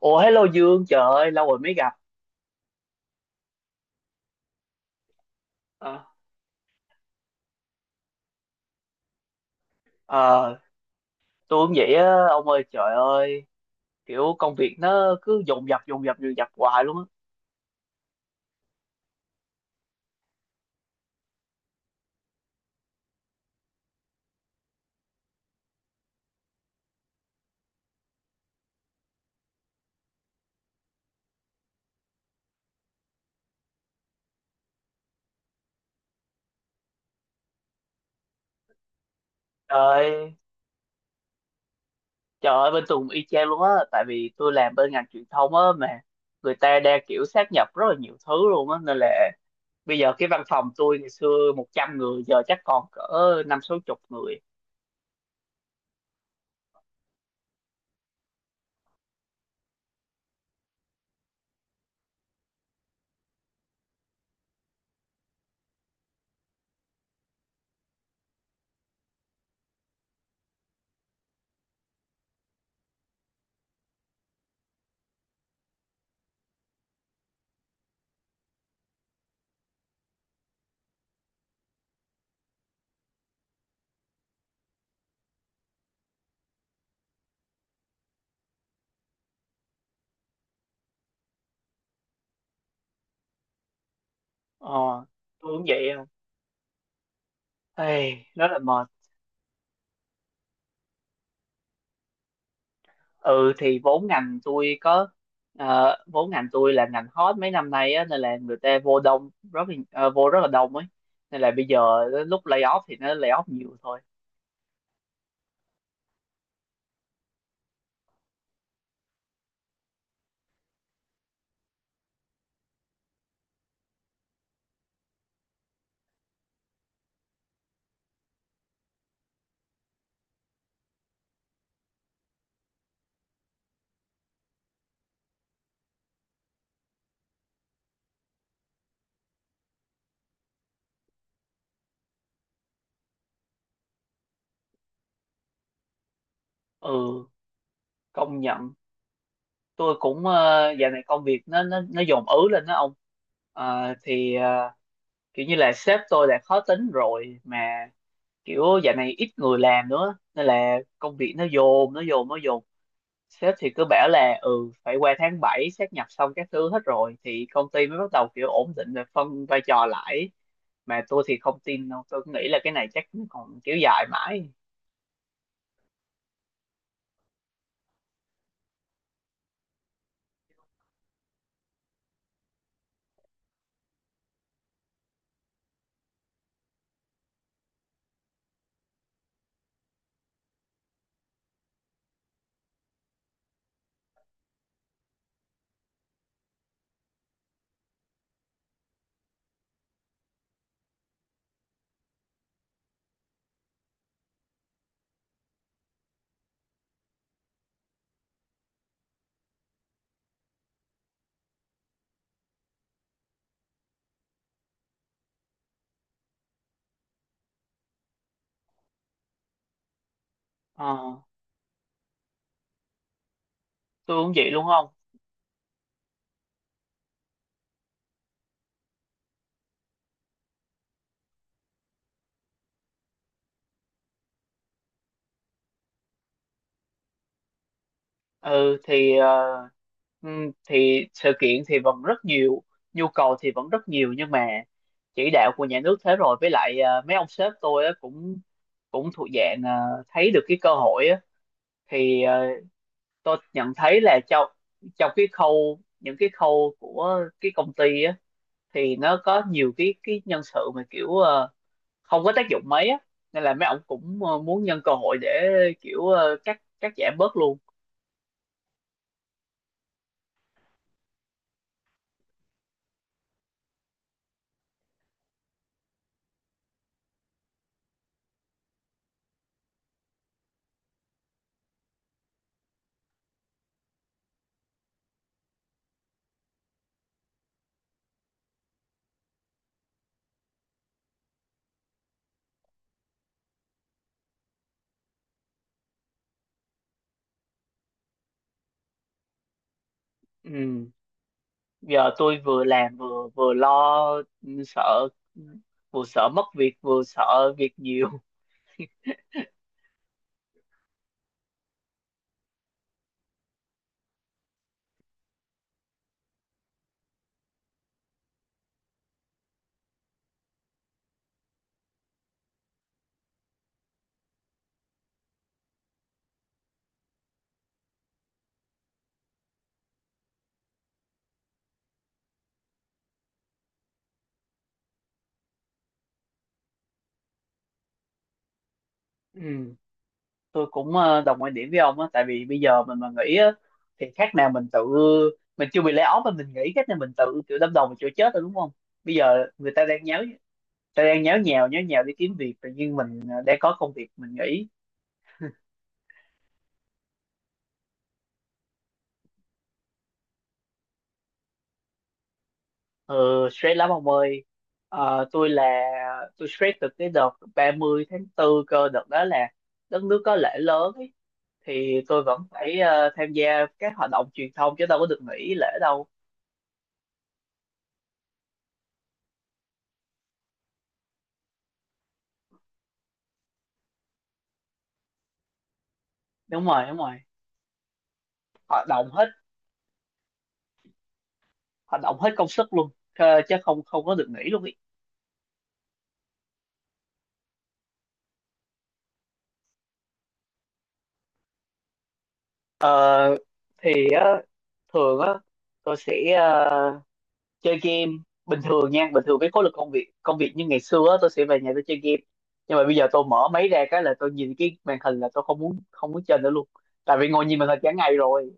Ủa, hello Dương, trời ơi lâu rồi mới gặp. Ờ. Ờ, tôi cũng vậy á, ông ơi, trời ơi, kiểu công việc nó cứ dồn dập dồn dập dồn dập hoài luôn á. Trời ơi, trời ơi bên Tùng y chang luôn á, tại vì tôi làm bên ngành truyền thông á mà người ta đang kiểu sát nhập rất là nhiều thứ luôn á, nên là bây giờ cái văn phòng tôi ngày xưa 100 người giờ chắc còn cỡ năm sáu chục người. Ờ, tôi cũng vậy á. Ê, rất là mệt. Ừ, thì vốn ngành tôi có vốn ngành tôi là ngành hot mấy năm nay á, nên là người ta vô rất là đông ấy, nên là bây giờ lúc lay off thì nó lay off nhiều thôi. Ừ, công nhận, tôi cũng dạo này công việc nó dồn ứ lên đó ông. Ờ, thì ờ, Kiểu như là sếp tôi đã khó tính rồi mà, kiểu dạo này ít người làm nữa nên là công việc nó dồn. Sếp thì cứ bảo là ừ phải qua tháng 7 sáp nhập xong các thứ hết rồi thì công ty mới bắt đầu kiểu ổn định và phân vai trò lại, mà tôi thì không tin đâu, tôi nghĩ là cái này chắc nó còn kéo dài mãi. Ờ, tôi cũng vậy luôn không. ừ thì ờ, thì sự kiện thì vẫn rất nhiều, nhu cầu thì vẫn rất nhiều, nhưng mà chỉ đạo của nhà nước thế rồi, với lại mấy ông sếp tôi á cũng cũng thuộc dạng thấy được cái cơ hội á, thì ờ, tôi nhận thấy là trong trong cái khâu, những cái khâu của cái công ty á, thì nó có nhiều cái nhân sự mà không có tác dụng mấy á, nên là mấy ông cũng muốn nhân cơ hội để cắt cắt giảm bớt luôn. Ừ. Giờ tôi vừa làm vừa vừa lo. Ừ, sợ, vừa sợ mất việc vừa sợ việc nhiều. Ừ, tôi cũng đồng quan điểm với ông á, tại vì bây giờ mình mà nghỉ á thì khác nào mình tự mình chưa bị lay off mà mình nghỉ khác nào mình tự kiểu đâm đầu vào chỗ chết rồi, đúng không? Bây giờ người ta đang nháo nhào đi kiếm việc, tự nhiên mình đang có công việc mình nghỉ. ờ Stress lắm ông ơi. Ờ, tôi là tôi stress từ cái đợt 30 tháng 4 cơ, đợt đó là đất nước có lễ lớn ấy. Thì tôi vẫn phải tham gia các hoạt động truyền thông chứ đâu có được nghỉ lễ đâu. Đúng rồi, đúng rồi, hoạt động hết hoạt động hết công sức luôn, chứ không không có được nghỉ luôn ý. Ờ, thì á, Thường á, tôi sẽ ờ, chơi game. Bình thường nha, bình thường cái khối lực công việc như ngày xưa á, tôi sẽ về nhà tôi chơi game, nhưng mà bây giờ tôi mở máy ra cái là tôi nhìn cái màn hình là tôi không muốn chơi nữa luôn, tại vì ngồi nhìn màn hình cả ngày rồi.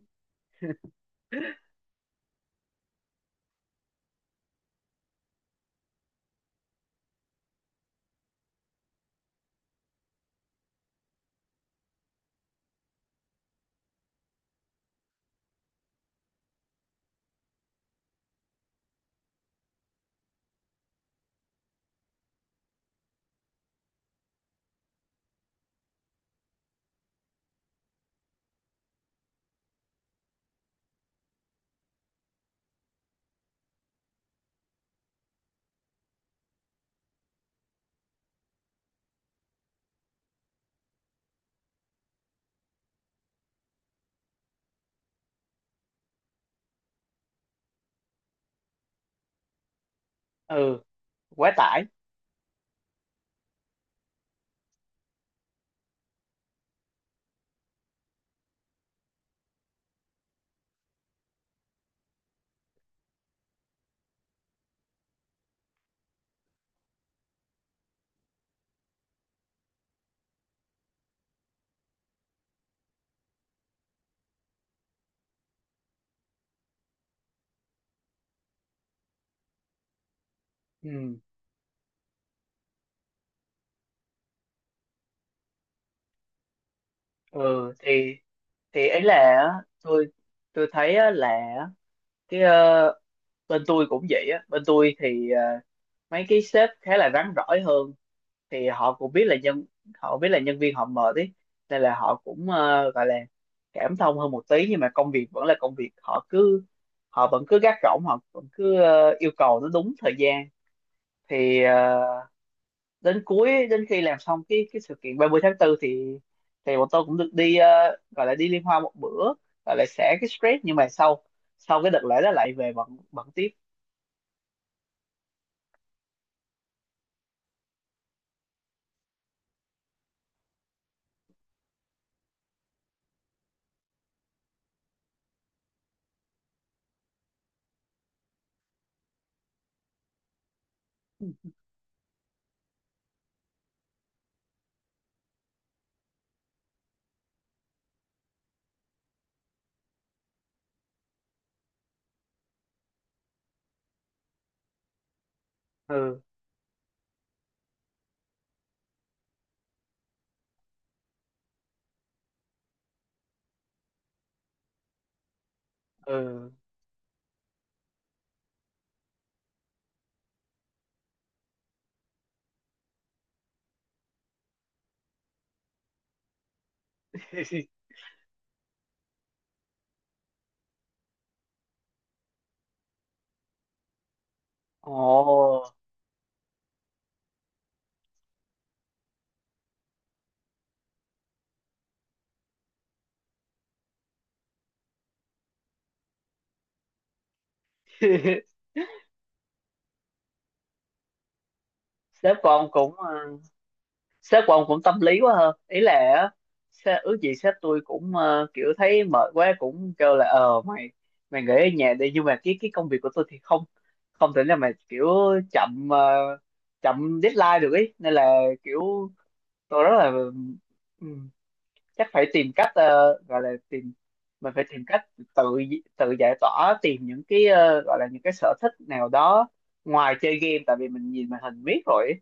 Ừ, quá tải. Ừ. ừ thì thì ấy là á, tôi tôi thấy á là, á, cái ờ, bên tôi cũng vậy á, bên tôi thì mấy cái sếp khá là rắn rỏi hơn, thì họ cũng biết là nhân họ biết là nhân viên họ mệt ý, nên là họ cũng gọi là cảm thông hơn một tí, nhưng mà công việc vẫn là công việc. Họ vẫn cứ gác gỏng, họ vẫn cứ yêu cầu nó đúng thời gian. thì ờ, Đến khi làm xong cái sự kiện 30 tháng 4 thì bọn tôi cũng được đi gọi là đi liên hoan một bữa, gọi là xả cái stress, nhưng mà sau sau cái đợt lễ đó lại về bận bận tiếp. Ừ. Ừ Ồ. sếp của ông cũng ờ, Sếp của ông cũng tâm lý quá hơn ý là á, sếp, ước gì sếp tôi cũng kiểu thấy mệt quá cũng kêu là mày, nghỉ ở nhà đi, nhưng mà cái công việc của tôi thì không, không thể nào mà kiểu chậm ờ, chậm deadline được ý, nên là kiểu tôi rất là, ừ, chắc phải tìm cách ờ, gọi là tìm mình phải tìm cách tự tự giải tỏa, tìm những cái gọi là những cái sở thích nào đó ngoài chơi game, tại vì mình nhìn màn hình miết rồi ấy.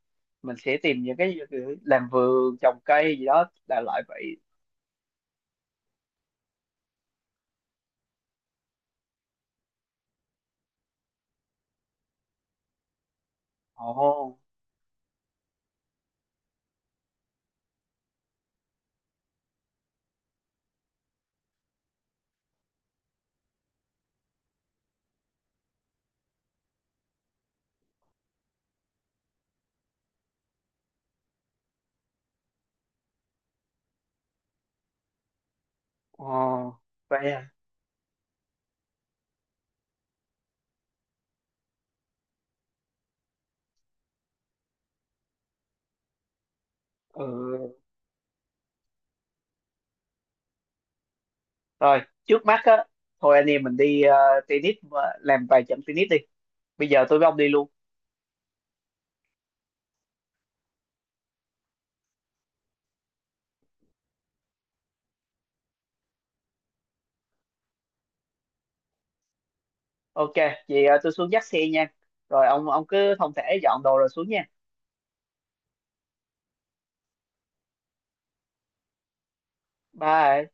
Mình sẽ tìm những cái làm vườn trồng cây gì đó, đại loại vậy. Ồ ồ vậy à. Ừ, rồi trước mắt á, thôi anh em mình đi làm vài trận tennis đi, bây giờ tôi với ông đi luôn. Ok. Vậy tôi xuống dắt xe nha, rồi ông cứ thong thả dọn đồ rồi xuống nha. Bye.